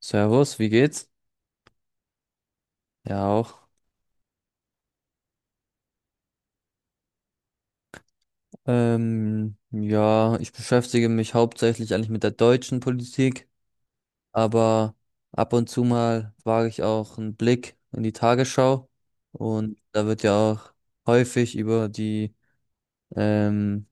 Servus, wie geht's? Ja, auch. Ja, ich beschäftige mich hauptsächlich eigentlich mit der deutschen Politik, aber ab und zu mal wage ich auch einen Blick in die Tagesschau, und da wird ja auch häufig über die ähm,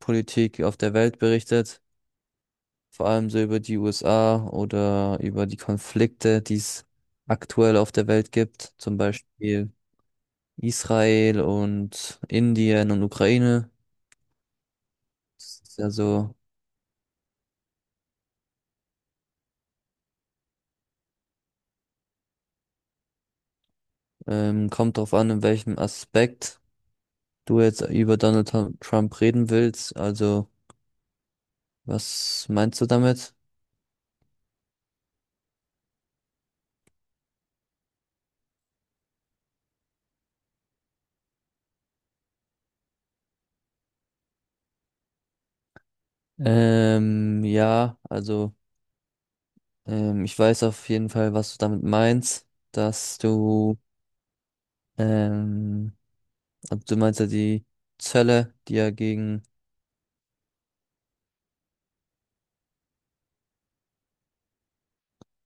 Politik auf der Welt berichtet, vor allem so über die USA oder über die Konflikte, die es aktuell auf der Welt gibt, zum Beispiel Israel und Indien und Ukraine. Das ist ja so. Kommt drauf an, in welchem Aspekt du jetzt über Donald Trump reden willst. Also, was meinst du damit? Ja, also, ich weiß auf jeden Fall, was du damit meinst, dass du, ähm, also du meinst ja die Zölle,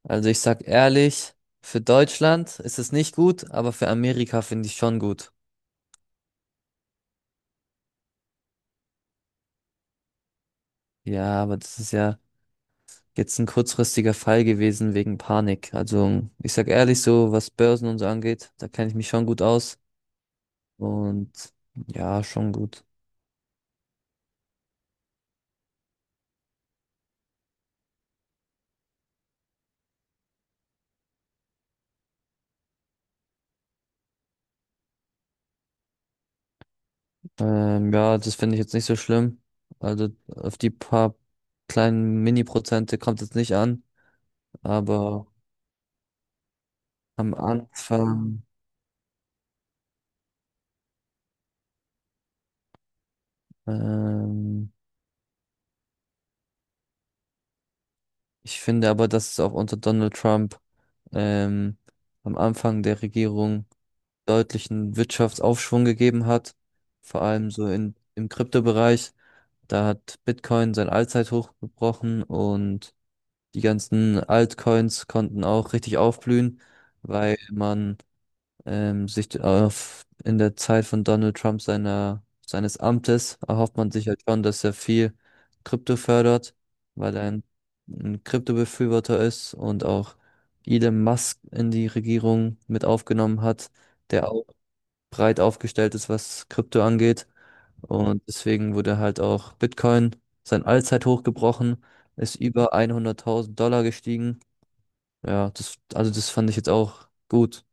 also ich sag ehrlich, für Deutschland ist es nicht gut, aber für Amerika finde ich schon gut. Ja, aber das ist ja jetzt ein kurzfristiger Fall gewesen wegen Panik. Also ich sag ehrlich so, was Börsen und so angeht, da kenne ich mich schon gut aus. Und ja, schon gut. Ja, das finde ich jetzt nicht so schlimm. Also auf die paar kleinen Mini-Prozente kommt es nicht an. Aber am Anfang, ähm, ich finde aber, dass es auch unter Donald Trump ähm, am Anfang der Regierung deutlichen Wirtschaftsaufschwung gegeben hat. Vor allem so in, im Kryptobereich. Da hat Bitcoin sein Allzeithoch gebrochen und die ganzen Altcoins konnten auch richtig aufblühen, weil man sich auf, in der Zeit von Donald Trump seiner, seines Amtes erhofft man sich halt schon, dass er viel Krypto fördert, weil er ein Kryptobefürworter ist und auch Elon Musk in die Regierung mit aufgenommen hat, der auch breit aufgestellt ist, was Krypto angeht. Und deswegen wurde halt auch Bitcoin sein Allzeithoch gebrochen, ist über 100.000 Dollar gestiegen. Ja, das, also das fand ich jetzt auch gut.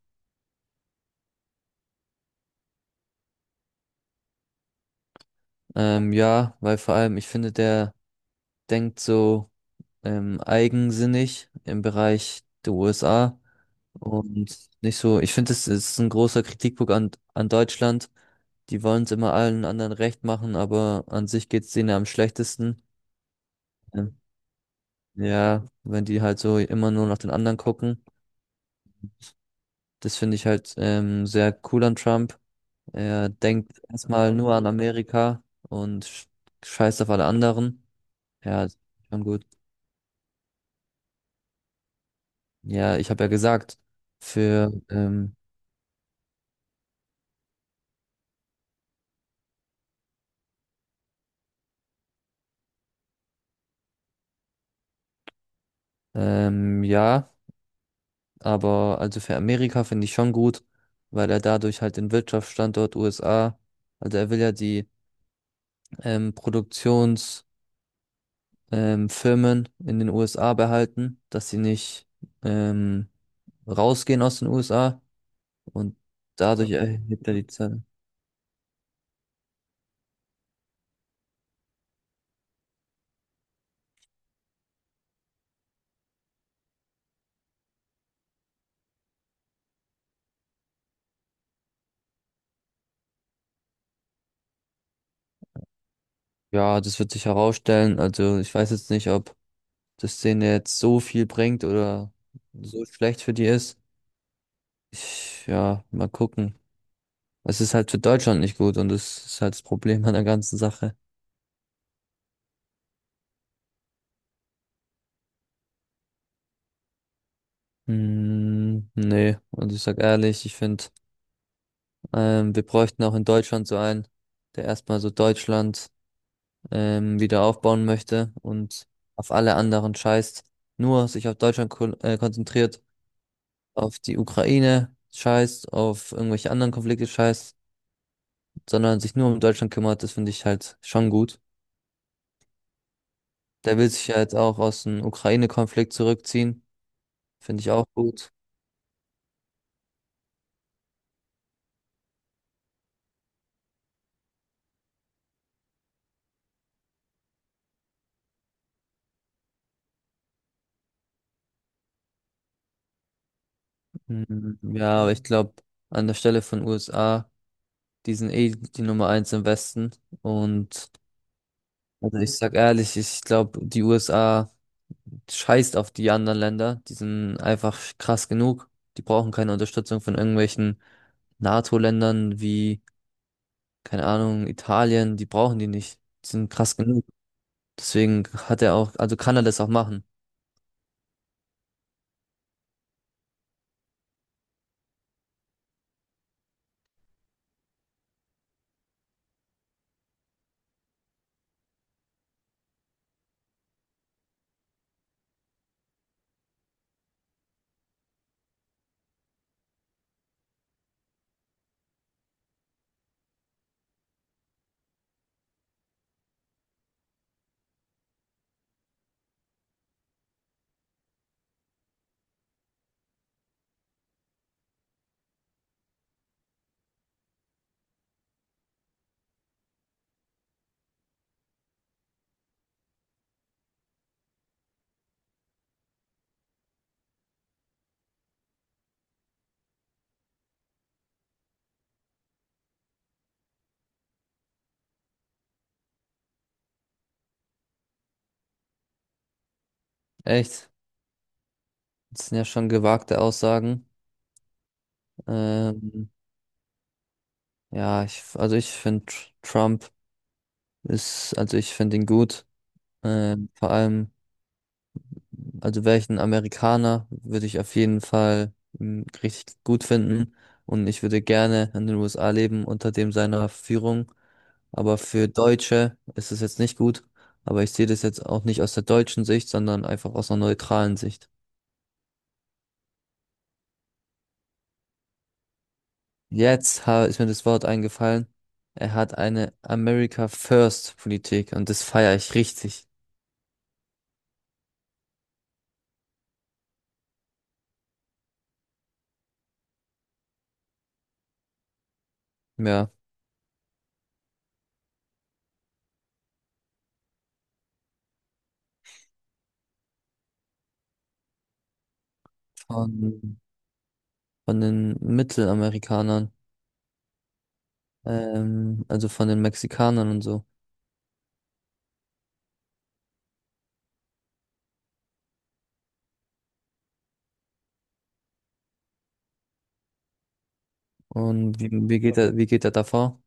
Ja, weil vor allem, ich finde, der denkt so eigensinnig im Bereich der USA und nicht so. Ich finde, es ist ein großer Kritikpunkt an Deutschland. Die wollen es immer allen anderen recht machen, aber an sich geht es denen am schlechtesten. Ähm, Ja, wenn die halt so immer nur nach den anderen gucken. Das finde ich halt sehr cool an Trump. Er denkt erstmal nur an Amerika und scheißt auf alle anderen. Ja, das ist schon gut. Ja, ich habe ja gesagt, für ja, aber also für Amerika finde ich schon gut, weil er dadurch halt den Wirtschaftsstandort USA, also er will ja die Produktionsfirmen Firmen in den USA behalten, dass sie nicht ähm, rausgehen aus den USA. Und dadurch, okay, erhebt er die Zahl. Ja, das wird sich herausstellen. Also ich weiß jetzt nicht, ob das denen jetzt so viel bringt oder so schlecht für die ist. Ich, ja, mal gucken. Es ist halt für Deutschland nicht gut und das ist halt das Problem an der ganzen Sache. Hm, nee, und ich sag ehrlich, ich finde, wir bräuchten auch in Deutschland so einen, der erstmal so Deutschland wieder aufbauen möchte und auf alle anderen scheißt, nur sich auf Deutschland konzentriert, auf die Ukraine scheißt, auf irgendwelche anderen Konflikte scheißt, sondern sich nur um Deutschland kümmert. Das finde ich halt schon gut. Der will sich ja jetzt auch aus dem Ukraine-Konflikt zurückziehen, finde ich auch gut. Ja, aber ich glaube, an der Stelle von USA, die sind eh die Nummer eins im Westen. Und also ich sag ehrlich, ich glaube, die USA scheißt auf die anderen Länder. Die sind einfach krass genug. Die brauchen keine Unterstützung von irgendwelchen NATO-Ländern wie, keine Ahnung, Italien, die brauchen die nicht. Die sind krass genug. Deswegen hat er auch, also kann er das auch machen. Echt? Das sind ja schon gewagte Aussagen. Ähm, also ich finde Trump ist, also ich finde ihn gut. Vor allem, also wäre ich ein Amerikaner, würde ich auf jeden Fall richtig gut finden. Und ich würde gerne in den USA leben unter dem seiner Führung. Aber für Deutsche ist es jetzt nicht gut. Aber ich sehe das jetzt auch nicht aus der deutschen Sicht, sondern einfach aus einer neutralen Sicht. Jetzt ist mir das Wort eingefallen. Er hat eine America First Politik und das feiere ich richtig. Ja, von, von den Mittelamerikanern, also von den Mexikanern und so. Und wie geht er, davor?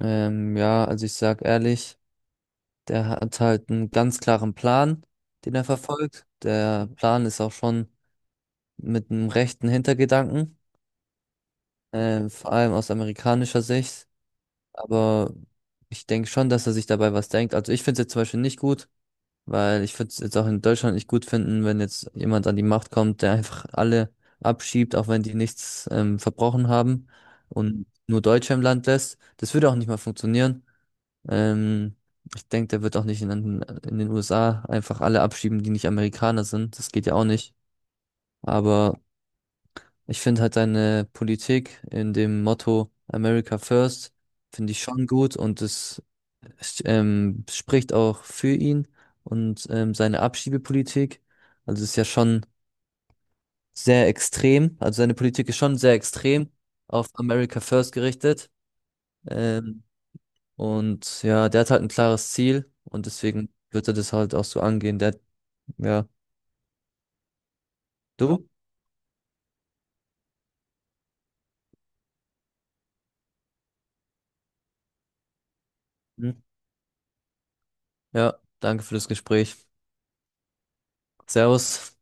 Ja, also ich sag ehrlich, der hat halt einen ganz klaren Plan, den er verfolgt. Der Plan ist auch schon mit einem rechten Hintergedanken, vor allem aus amerikanischer Sicht. Aber ich denke schon, dass er sich dabei was denkt. Also ich finde es jetzt zum Beispiel nicht gut, weil ich würde es jetzt auch in Deutschland nicht gut finden, wenn jetzt jemand an die Macht kommt, der einfach alle abschiebt, auch wenn die nichts verbrochen haben und nur Deutsche im Land lässt. Das würde auch nicht mal funktionieren. Ähm, Ich denke, der wird auch nicht in den USA einfach alle abschieben, die nicht Amerikaner sind. Das geht ja auch nicht. Aber ich finde halt deine Politik in dem Motto America First, finde ich schon gut und es spricht auch für ihn und seine Abschiebepolitik. Also es ist ja schon sehr extrem. Also seine Politik ist schon sehr extrem auf America First gerichtet. Ähm, und ja, der hat halt ein klares Ziel und deswegen wird er das halt auch so angehen. Der, ja, du? Hm. Ja, danke für das Gespräch. Servus.